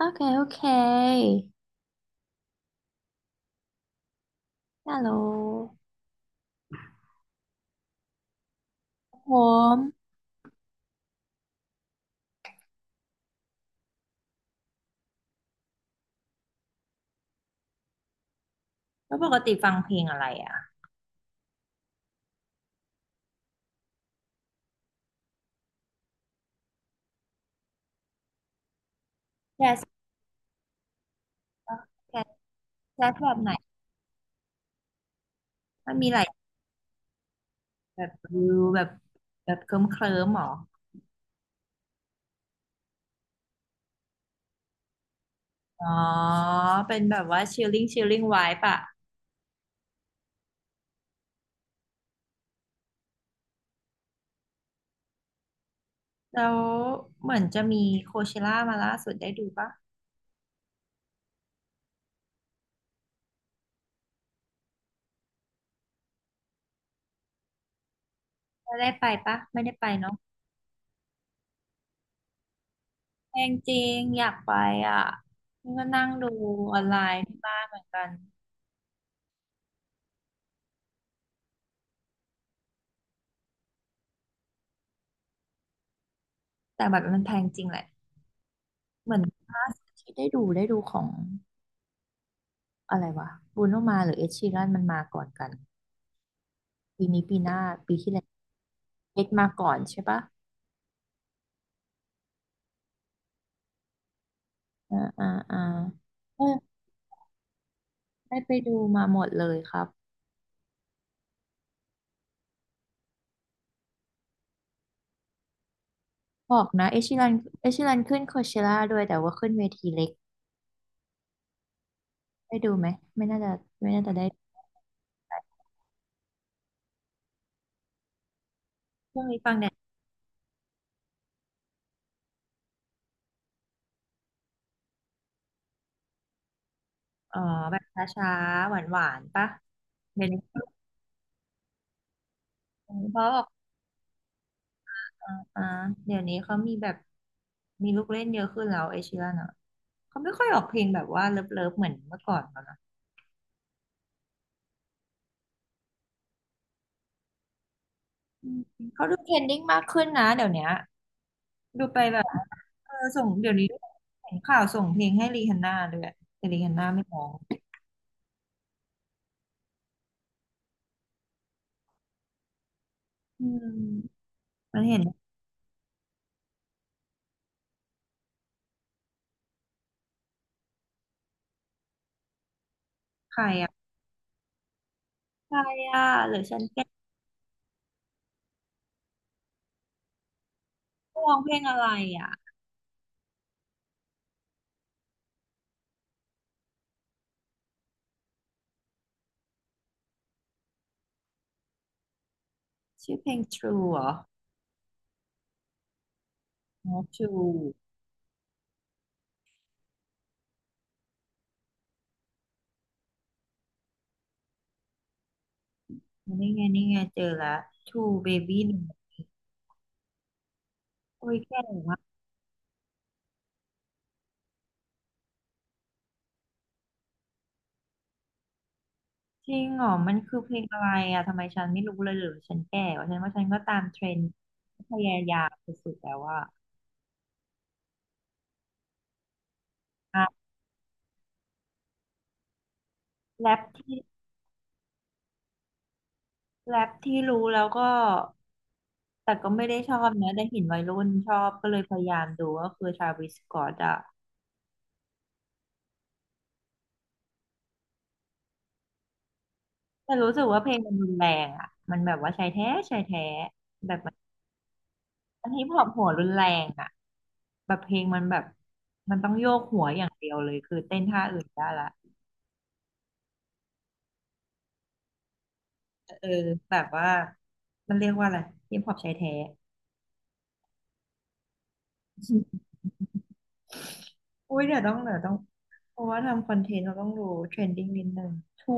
OK OK ฮัลโหลผมแล้วปกติฟังเพลงอะไรอ่ะแจ๊สปะแจ๊สแจ๊สแบบไหนมันมีหลายแบบวิวแบบแบบเคลิ้มหรออ๋อเป็นแบบว่าชิลลิ่งไวปะแล้วเหมือนจะมีโคเชล่ามาล่าสุดได้ดูปะได้ไปปะไม่ได้ไปเนาะแพงจริงอยากไปอ่ะนี่ก็นั่งดูออนไลน์ที่บ้านเหมือนกันแต่แบบมันแพงจริงแหละเหมือนล่าสุดที่ได้ดูของ อะไรวะบรูโนมาหรือเอ็ชีรันมันมาก่อนกันปีนี้ปีหน้าปีที่แล้วเอ็ดมาก่อนใช่ปะอ่าอ่าอ่าเออได้ไปดูมาหมดเลยครับบอกนะเอ็ชีรันเอ็ชีรันขึ้นโคเชล่าด้วยแต่ว่าขึ้นเวทีเล็กได้ดูไหมไม่น่าจะไม่น่าจะได้ช่วงนี้ฟังแนวอ๋อแบบช้าๆหวานๆปะเดี๋ยวนี้เพราะบอกอ่าอ่าเดี๋ยวนี้เขามีแบบมีลูกเล่นเยอะขึ้นแล้วเอ s ชิรันอ่ะเขาไม่ค่อยออกเพลงแบบว่าเลิฟๆเหมือนเมื่อก่อนแล้วนะ อืมเขาดูเทรนดิ้งมากขึ้นนะเดี๋ยวเนี้ยดูไปแบบเออส่งเดี๋ยวนี้เห็นข่าวส่งเพลงให้รีฮันน่าด้วยแต่รีฮันน่าไม่ร้องอืมมันเห็นใครอ่ะใครอ่ะหรือฉันแก้ตร้องเพลงอะไรอ่ะชื่อเพลง True เหรออ๋อ True นี่ไงเจอแล้ว True Baby 1โอ้ยแก่มากจริงเหรอมันคือเพลงอะไรอ่ะทำไมฉันไม่รู้เลยหรือฉันแก่วะฉันว่าฉันก็ตามเทรนด์พยายามสุดๆแล้วว่าอ่ะแรปที่ แรปที่รู้แล้วก็แต่ก็ไม่ได้ชอบนะแต่เห็นวัยรุ่นชอบก็เลยพยายามดูก็คือทราวิสสก็อตอะแต่รู้สึกว่าเพลงมันรุนแรงอะมันแบบว่าชายแท้อันนี้พอปหัวรุนแรงอะแบบเพลงมันแบบมันต้องโยกหัวอย่างเดียวเลยคือเต้นท่าอื่นได้ละเออแบบว่ามันเรียกว่าอะไรฮิปฮอปชายแท้ อุ้ยเดี๋ยวต้องเพราะว่าทำคอนเทนต์เราต้องรู้เทรนดิ้งนิดนึงทู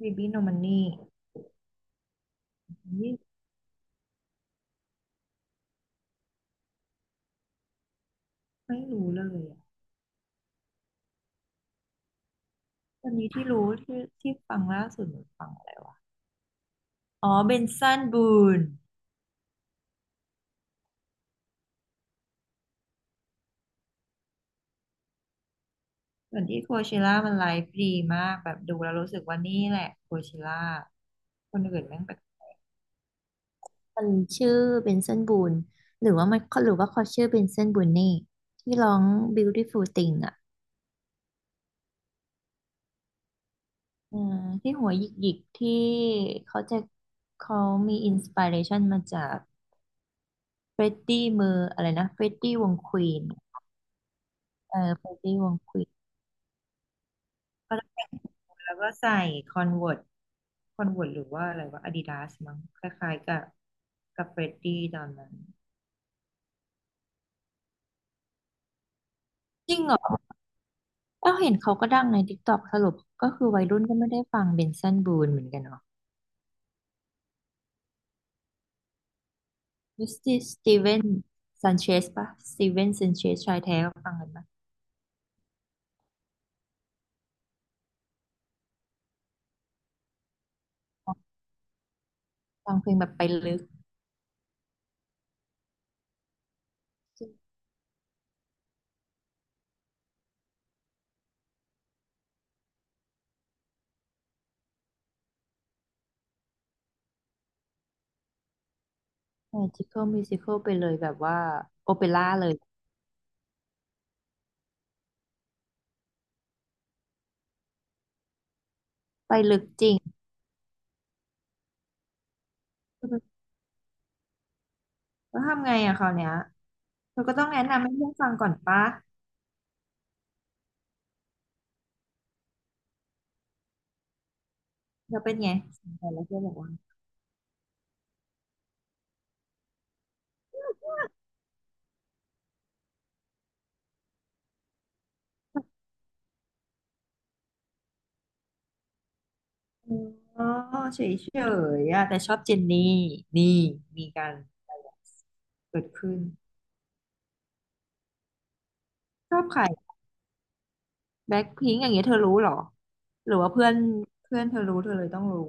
บีบีโนมันนี่ไม่รู้เลย ตอนนี้ที่รู้ที่ฟังล่าสุดหนูฟังอะไรวะ อ๋อเบนซันบูนเหมือนที่โคเชล่ามันไลฟ์ดีมากแบบดูแล้วรู้สึกว่านี่แหละโคเชล่าคนอื่นแม่งแบบมันชื่อเบนเซนบูนหรือว่าเขาชื่อเบนเซนบูนนี่ที่ร้อง Beautiful Thing อ่ะอืมที่หัวหยิกๆที่เขาจะเขามีอินสปิเรชันมาจากเฟรดดี้มืออะไรนะเฟรดดี้วงควีนเออเฟรดดี้วงควีน แล้วก็แล้วก็ใส่คอนเวิร์ตคอนเวิร์ตหรือว่าอะไรว่าอาดิดาสมั้งคล้ายๆกับเฟรดดี้ตอนนั้นจริงเหรอเอ้าเห็นเขาก็ดังใน TikTok สรุปก็คือวัยรุ่นก็ไม่ได้ฟังเบนซันบูนเหมือนกันเนาะมิสติสตีเวนซันเชสปะสตีเวนซันเชสชายแท้ก็ฟังกันปะฟังเพลงแบบไปลึกใช่จิคเกิลมิวสิคอลไปเลยแบบว่าโอเปร่าเลยไปลึกจริงแล้วทำไงอะคราวเนี้ยเธอก็ต้องแนะนำให้เพื่อนฟังก่อนปะ เราเป็นไงสนใจแล้วเพื่อนบอกว่าอ๋อเฉยๆอะแต่ชอบเจนนี่นี่มีการเกิดขึ้นชอบใครแบ็คพิงอย่างเงี้ยเธอรู้เหรอหรือว่าเพื่อนเพื่อนเธอรู้เธอเลยต้องรู้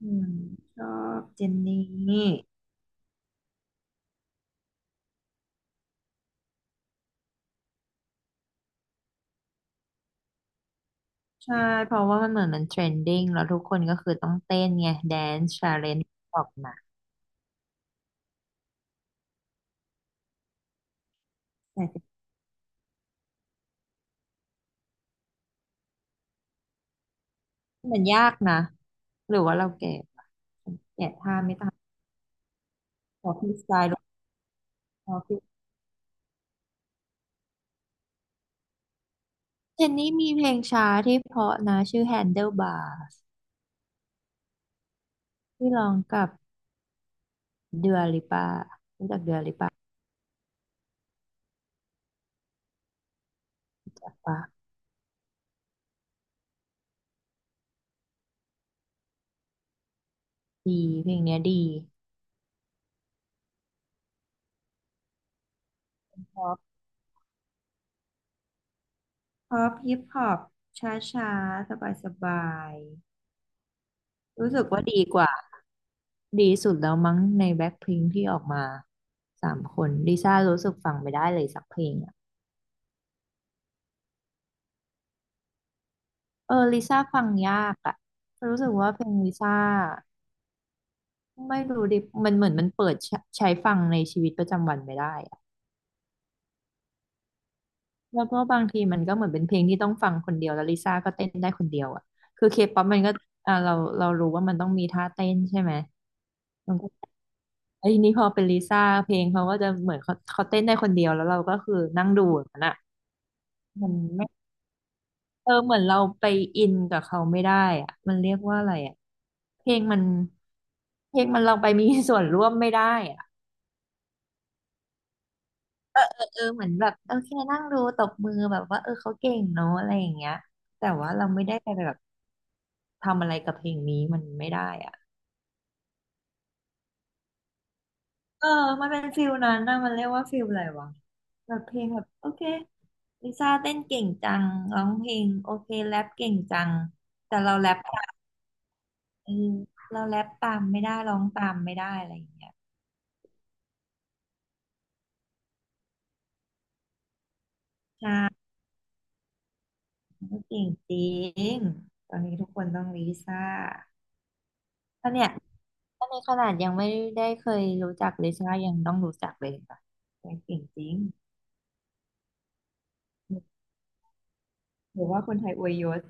อืมชอบเจนนี่ใช่เพราะว่ามันเหมือนมันเทรนดิ้งแล้วทุกคนก็คือต้องเต้นไงแดน c ์ชาเลนจ์ออกมาแต่มันยากนะหรือว่าเราแก่ปะแก่ท่าไม่ทันพอพี่สไตล์พอฟรี เจนนี่มีเพลงช้าที่เพราะนะชื่อ Handlebars ที่ร้องกับเดือลิปารู้จักเดือลิปาปะดีเพลงเนี้ยดีพอปพอปฮิปฮอปช้าช้าสบายสบายๆรู้สึกว่าดีกว่าดีสุดแล้วมั้งในแบ็คพิงที่ออกมา3 คนลิซ่ารู้สึกฟังไม่ได้เลยสักเพลงอะเออลิซ่าฟังยากอะรู้สึกว่าเพลงลิซ่าไม่รู้ดิมันเหมือนมันเปิดใช้ฟังในชีวิตประจำวันไม่ได้ แล้วก็บางทีมันก็เหมือนเป็นเพลงที่ต้องฟังคนเดียวแล้วลิซ่าก็เต้นได้คนเดียวอ่ะคือเคป๊อปมันก็อ่าเรารู้ว่ามันต้องมีท่าเต้นใช่ไหมมันก็ไอ้ยนี่พอเป็นลิซ่าเพลงเขาก็จะเหมือนเขาเต้นได้คนเดียวแล้วเราก็คือนั่งดูอย่างนั้นอ่ะมันไม่เออเหมือนเราไปอินกับเขาไม่ได้อ่ะมันเรียกว่าอะไรอ่ะเพลงมันเพลงมันเราไปมีส่วนร่วมไม่ได้อ่ะเออเหมือนแบบโอเคนั่งดูตบมือแบบว่าเออเขาเก่งเนาะอะไรอย่างเงี้ยแต่ว่าเราไม่ได้ไปแบบ ทำอะไรกับเพลงนี้มันไม่ได้อ่ะเออมันเป็นฟิลนั้นนะมันเรียกว่าฟิลอะไรวะแบบเพลงแบบโอเคลิซ่าเต้นเก่งจังร้องเพลงโอเคแรปเก่งจังแต่เราแรปตามเออเราแรปตามไม่ได้ร้องตามไม่ได้อะไรอย่างเงี้ยใช่ก็เก่งจริงตอนนี้ทุกคนต้องลิซ่าถ้าเนี่ยถ้าในขนาดยังไม่ได้เคยรู้จักลิซ่ายังต้องรู้จักเลยค่ะแกเก่งจริงหรือว่าคนไทยอวยยศ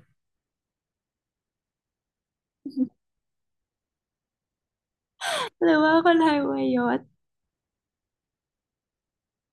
หรือว่าคนไทยอวยยศ